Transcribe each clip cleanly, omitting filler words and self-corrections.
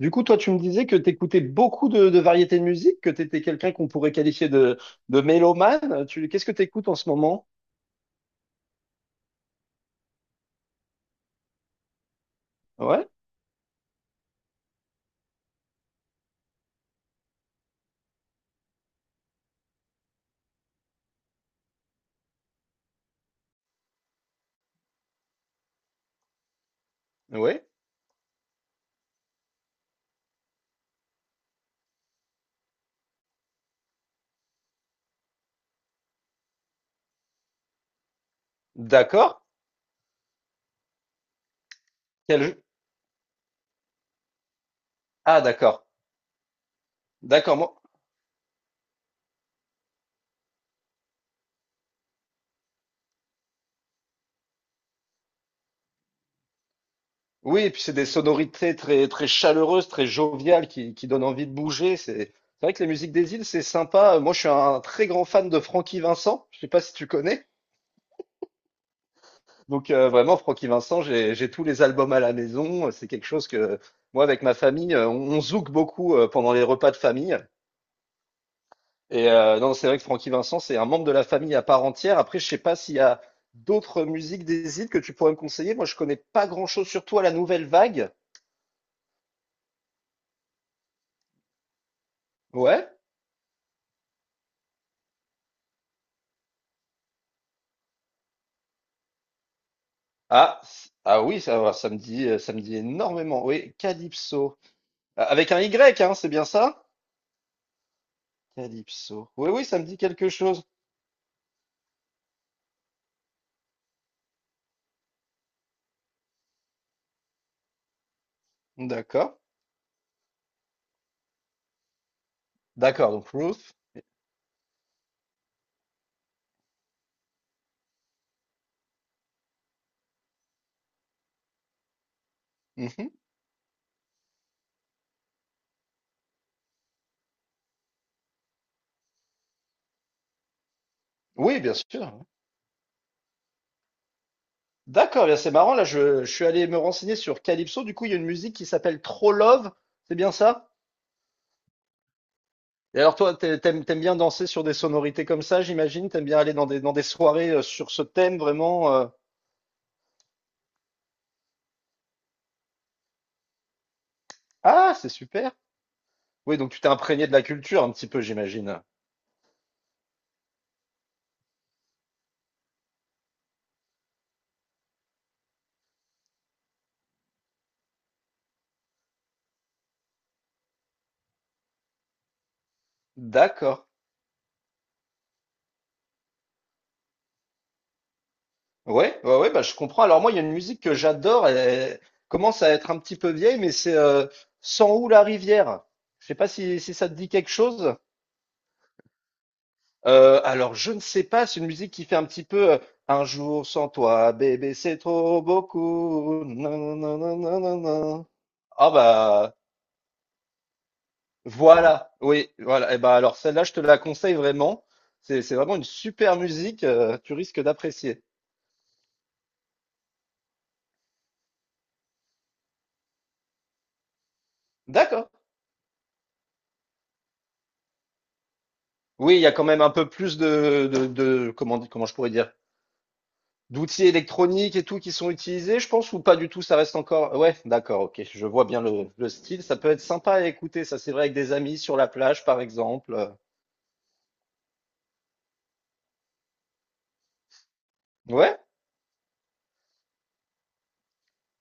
Du coup, toi, tu me disais que tu écoutais beaucoup de variétés de musique, que tu étais quelqu'un qu'on pourrait qualifier de mélomane. Qu'est-ce que tu écoutes en ce moment? Ouais, ouais, d'accord. Quel... Ah, d'accord, d'accord. Oui, et puis c'est des sonorités très, très chaleureuses, très joviales, qui donnent envie de bouger. C'est vrai que les musiques des îles, c'est sympa. Moi, je suis un très grand fan de Francky Vincent. Je sais pas si tu connais. Donc vraiment, Francky Vincent, j'ai tous les albums à la maison. C'est quelque chose que moi, avec ma famille, on zouk beaucoup pendant les repas de famille. Et non, c'est vrai que Francky Vincent, c'est un membre de la famille à part entière. Après, je sais pas s'il y a d'autres musiques des îles que tu pourrais me conseiller. Moi, je connais pas grand-chose, surtout à la nouvelle vague. Ouais. Ah, ah oui, ça va, ça me dit énormément. Oui, Calypso. Ah, avec un Y, hein, c'est bien ça? Calypso. Oui, oui, ça me dit quelque chose. D'accord. D'accord, donc Ruth. Mhm. Oui, bien sûr. D'accord, bien c'est marrant. Là, je suis allé me renseigner sur Calypso. Du coup, il y a une musique qui s'appelle Trop Love. C'est bien ça? Et alors, toi, t'aimes bien danser sur des sonorités comme ça, j'imagine? T'aimes bien aller dans des soirées sur ce thème vraiment? Ah, c'est super. Oui, donc tu t'es imprégné de la culture un petit peu, j'imagine. D'accord. Ouais, ouais, ouais, bah, je comprends. Alors, moi, il y a une musique que j'adore. Elle commence à être un petit peu vieille, mais c'est Sans où la rivière. Je sais pas si ça te dit quelque chose. Alors je ne sais pas, c'est une musique qui fait un petit peu, «Un jour sans toi bébé c'est trop beaucoup, nan nan nan nan nan nan». Ah bah, voilà, oui, voilà et bah, alors celle-là je te la conseille vraiment. C'est vraiment une super musique, tu risques d'apprécier. D'accord. Oui, il y a quand même un peu plus de comment je pourrais dire? D'outils électroniques et tout qui sont utilisés, je pense, ou pas du tout, ça reste encore. Ouais, d'accord, ok, je vois bien le style. Ça peut être sympa à écouter, ça c'est vrai, avec des amis sur la plage, par exemple. Ouais.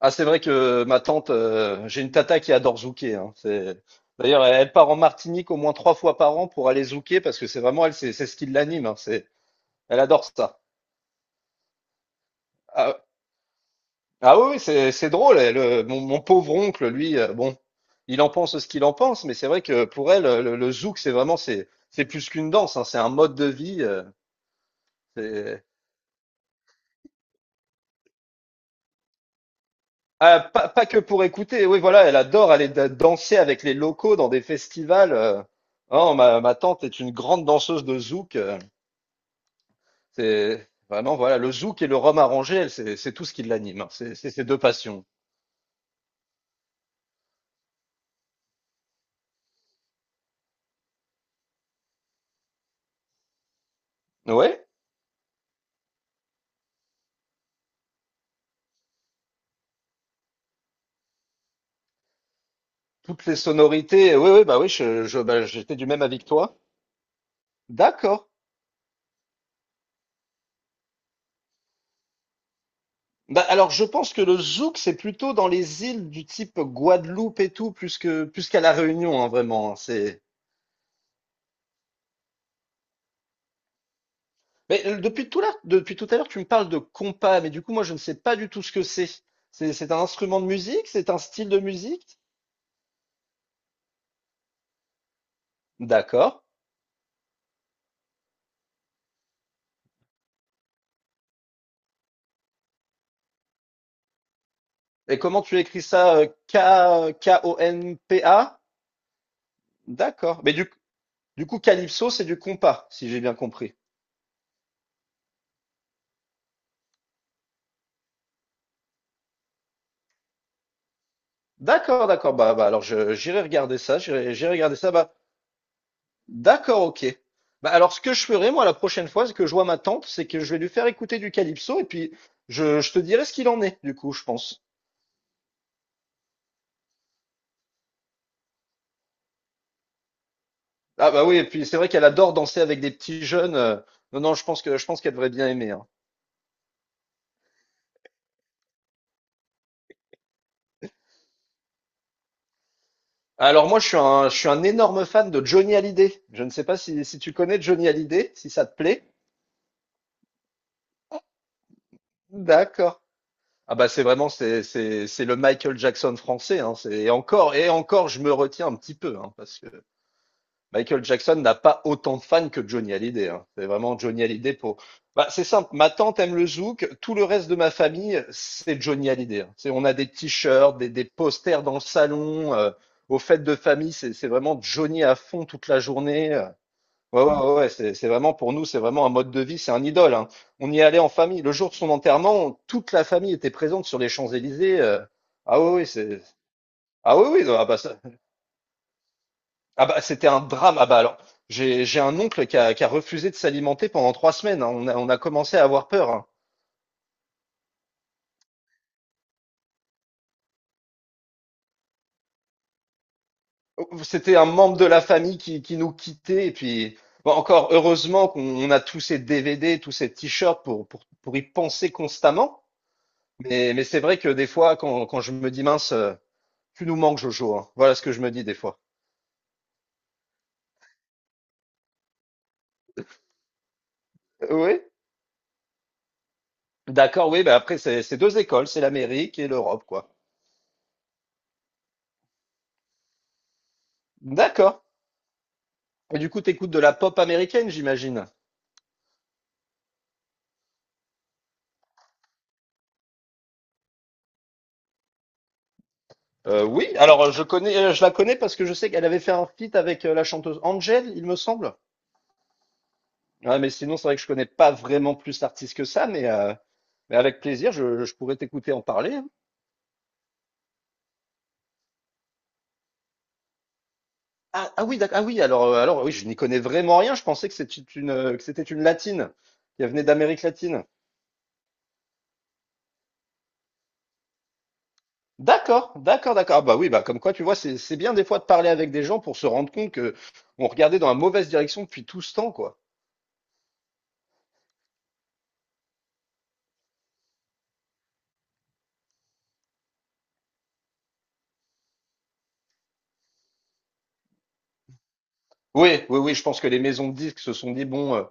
Ah, c'est vrai que ma tante, j'ai une tata qui adore zouker, hein. C'est... D'ailleurs, elle, elle part en Martinique au moins trois fois par an pour aller zouker parce que c'est vraiment elle, c'est ce qui l'anime, hein. C'est... Elle adore ça. Ah, ah oui, oui, c'est drôle. Elle, mon pauvre oncle, lui, bon, il en pense ce qu'il en pense, mais c'est vrai que pour elle, le zouk, c'est vraiment, c'est plus qu'une danse, hein, c'est un mode de vie. C'est- ah, pas que pour écouter. Oui, voilà, elle adore aller danser avec les locaux dans des festivals. Oh, ma tante est une grande danseuse de zouk. C'est vraiment, voilà, le zouk et le rhum arrangé, elle, c'est tout ce qui l'anime, hein. C'est ses deux passions. Ouais, toutes les sonorités. Oui, oui, bah oui, je, bah, j'étais du même avis que toi. D'accord. Bah, alors, je pense que le zouk, c'est plutôt dans les îles du type Guadeloupe et tout, plus qu'à La Réunion, hein, vraiment, hein, c'est... Mais depuis tout à l'heure, tu me parles de compas, mais du coup, moi, je ne sais pas du tout ce que c'est. C'est un instrument de musique? C'est un style de musique? D'accord. Et comment tu écris ça? K-O-N-P-A? D'accord. Mais du coup, calypso, c'est du compas, si j'ai bien compris. D'accord, d'accord. Bah, alors, j'irai regarder ça. J'irai regarder ça. Bah, d'accord, OK. Bah, alors, ce que je ferai, moi, la prochaine fois, c'est que je vois ma tante, c'est que je vais lui faire écouter du calypso et puis je te dirai ce qu'il en est, du coup, je pense. Ah, bah oui, et puis c'est vrai qu'elle adore danser avec des petits jeunes. Non, non, je pense qu'elle devrait bien aimer, hein. Alors, moi, je suis un énorme fan de Johnny Hallyday. Je ne sais pas si tu connais Johnny Hallyday, si ça te plaît. D'accord. Ah, bah, c'est vraiment, c'est le Michael Jackson français, hein. C'est, et encore, je me retiens un petit peu, hein, parce que Michael Jackson n'a pas autant de fans que Johnny Hallyday, hein. C'est vraiment Johnny Hallyday pour. Bah, c'est simple. Ma tante aime le zouk. Tout le reste de ma famille, c'est Johnny Hallyday, hein. C'est, on a des t-shirts, des posters dans le salon. Aux fêtes de famille, c'est vraiment Johnny à fond toute la journée. Ouais, ouais, ouais. Ouais, c'est vraiment pour nous, c'est vraiment un mode de vie, c'est un idole, hein. On y allait en famille. Le jour de son enterrement, toute la famille était présente sur les Champs-Élysées. Ah oui, oui, c'est. Ah oui, oui. Ah bah c'était un drame. Ah bah alors, j'ai un oncle qui a refusé de s'alimenter pendant 3 semaines, hein. On a commencé à avoir peur, hein. C'était un membre de la famille qui nous quittait. Et puis, bon, encore heureusement qu'on on a tous ces DVD, tous ces t-shirts pour y penser constamment. Mais, c'est vrai que des fois, quand je me dis, mince, tu nous manques, Jojo, hein. Voilà ce que je me dis des fois. Oui. D'accord, oui. Bah après, c'est deux écoles, c'est l'Amérique et l'Europe, quoi. D'accord. Et du coup, t'écoutes de la pop américaine, j'imagine. Oui, alors je la connais parce que je sais qu'elle avait fait un feat avec la chanteuse Angel, il me semble. Ouais, mais sinon, c'est vrai que je connais pas vraiment plus l'artiste que ça, mais avec plaisir, je pourrais t'écouter en parler, hein. Ah, ah oui, d'accord. Ah oui, alors, alors oui, je n'y connais vraiment rien. Je pensais que c'était une latine, qu'elle venait d'Amérique latine. D'accord, d'accord, d'accord. Ah bah oui, bah comme quoi, tu vois, c'est bien des fois de parler avec des gens pour se rendre compte que on regardait dans la mauvaise direction depuis tout ce temps, quoi. Oui, oui, oui, je pense que les maisons de disques se sont dit, bon,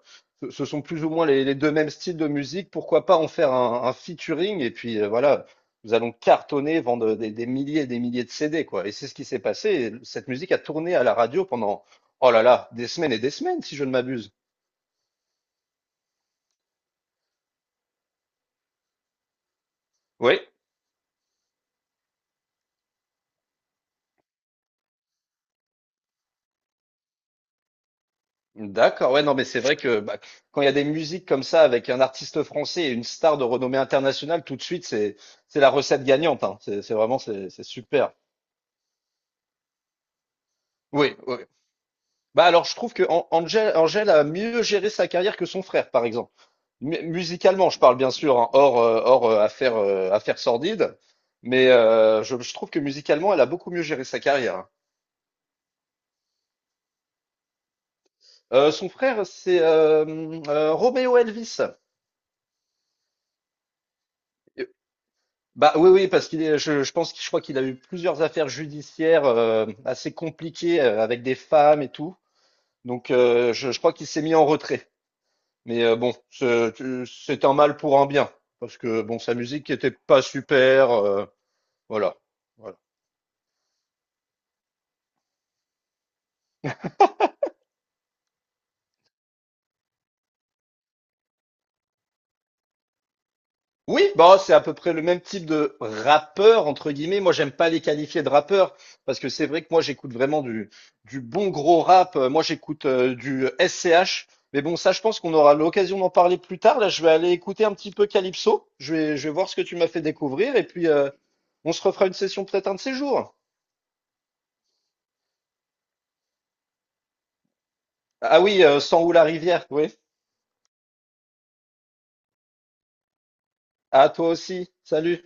ce sont plus ou moins les deux mêmes styles de musique, pourquoi pas en faire un featuring et puis voilà, nous allons cartonner, vendre des milliers et des milliers de CD, quoi. Et c'est ce qui s'est passé. Et cette musique a tourné à la radio pendant, oh là là, des semaines et des semaines, si je ne m'abuse. Oui, d'accord, ouais, non, mais c'est vrai que bah, quand il y a des musiques comme ça avec un artiste français et une star de renommée internationale, tout de suite, c'est la recette gagnante, hein. C'est vraiment, c'est super. Oui, bah alors je trouve que Angel a mieux géré sa carrière que son frère, par exemple. Musicalement, je parle bien sûr, hein, hors affaire sordide, mais je trouve que musicalement, elle a beaucoup mieux géré sa carrière, hein. Son frère, c'est Romeo Elvis. Et- Bah oui, oui, parce je pense, que je crois qu'il a eu plusieurs affaires judiciaires assez compliquées avec des femmes et tout. Donc je crois qu'il s'est mis en retrait. Mais bon, c'est un mal pour un bien, parce que bon, sa musique était pas super, voilà. Voilà. Oui, bah c'est à peu près le même type de rappeur entre guillemets. Moi, j'aime pas les qualifier de rappeur parce que c'est vrai que moi j'écoute vraiment du bon gros rap. Moi, j'écoute du SCH. Mais bon, ça, je pense qu'on aura l'occasion d'en parler plus tard. Là, je vais aller écouter un petit peu Calypso. Je vais voir ce que tu m'as fait découvrir et puis on se refera une session peut-être un de ces jours. Ah oui, sans ou la rivière, oui. À toi aussi. Salut.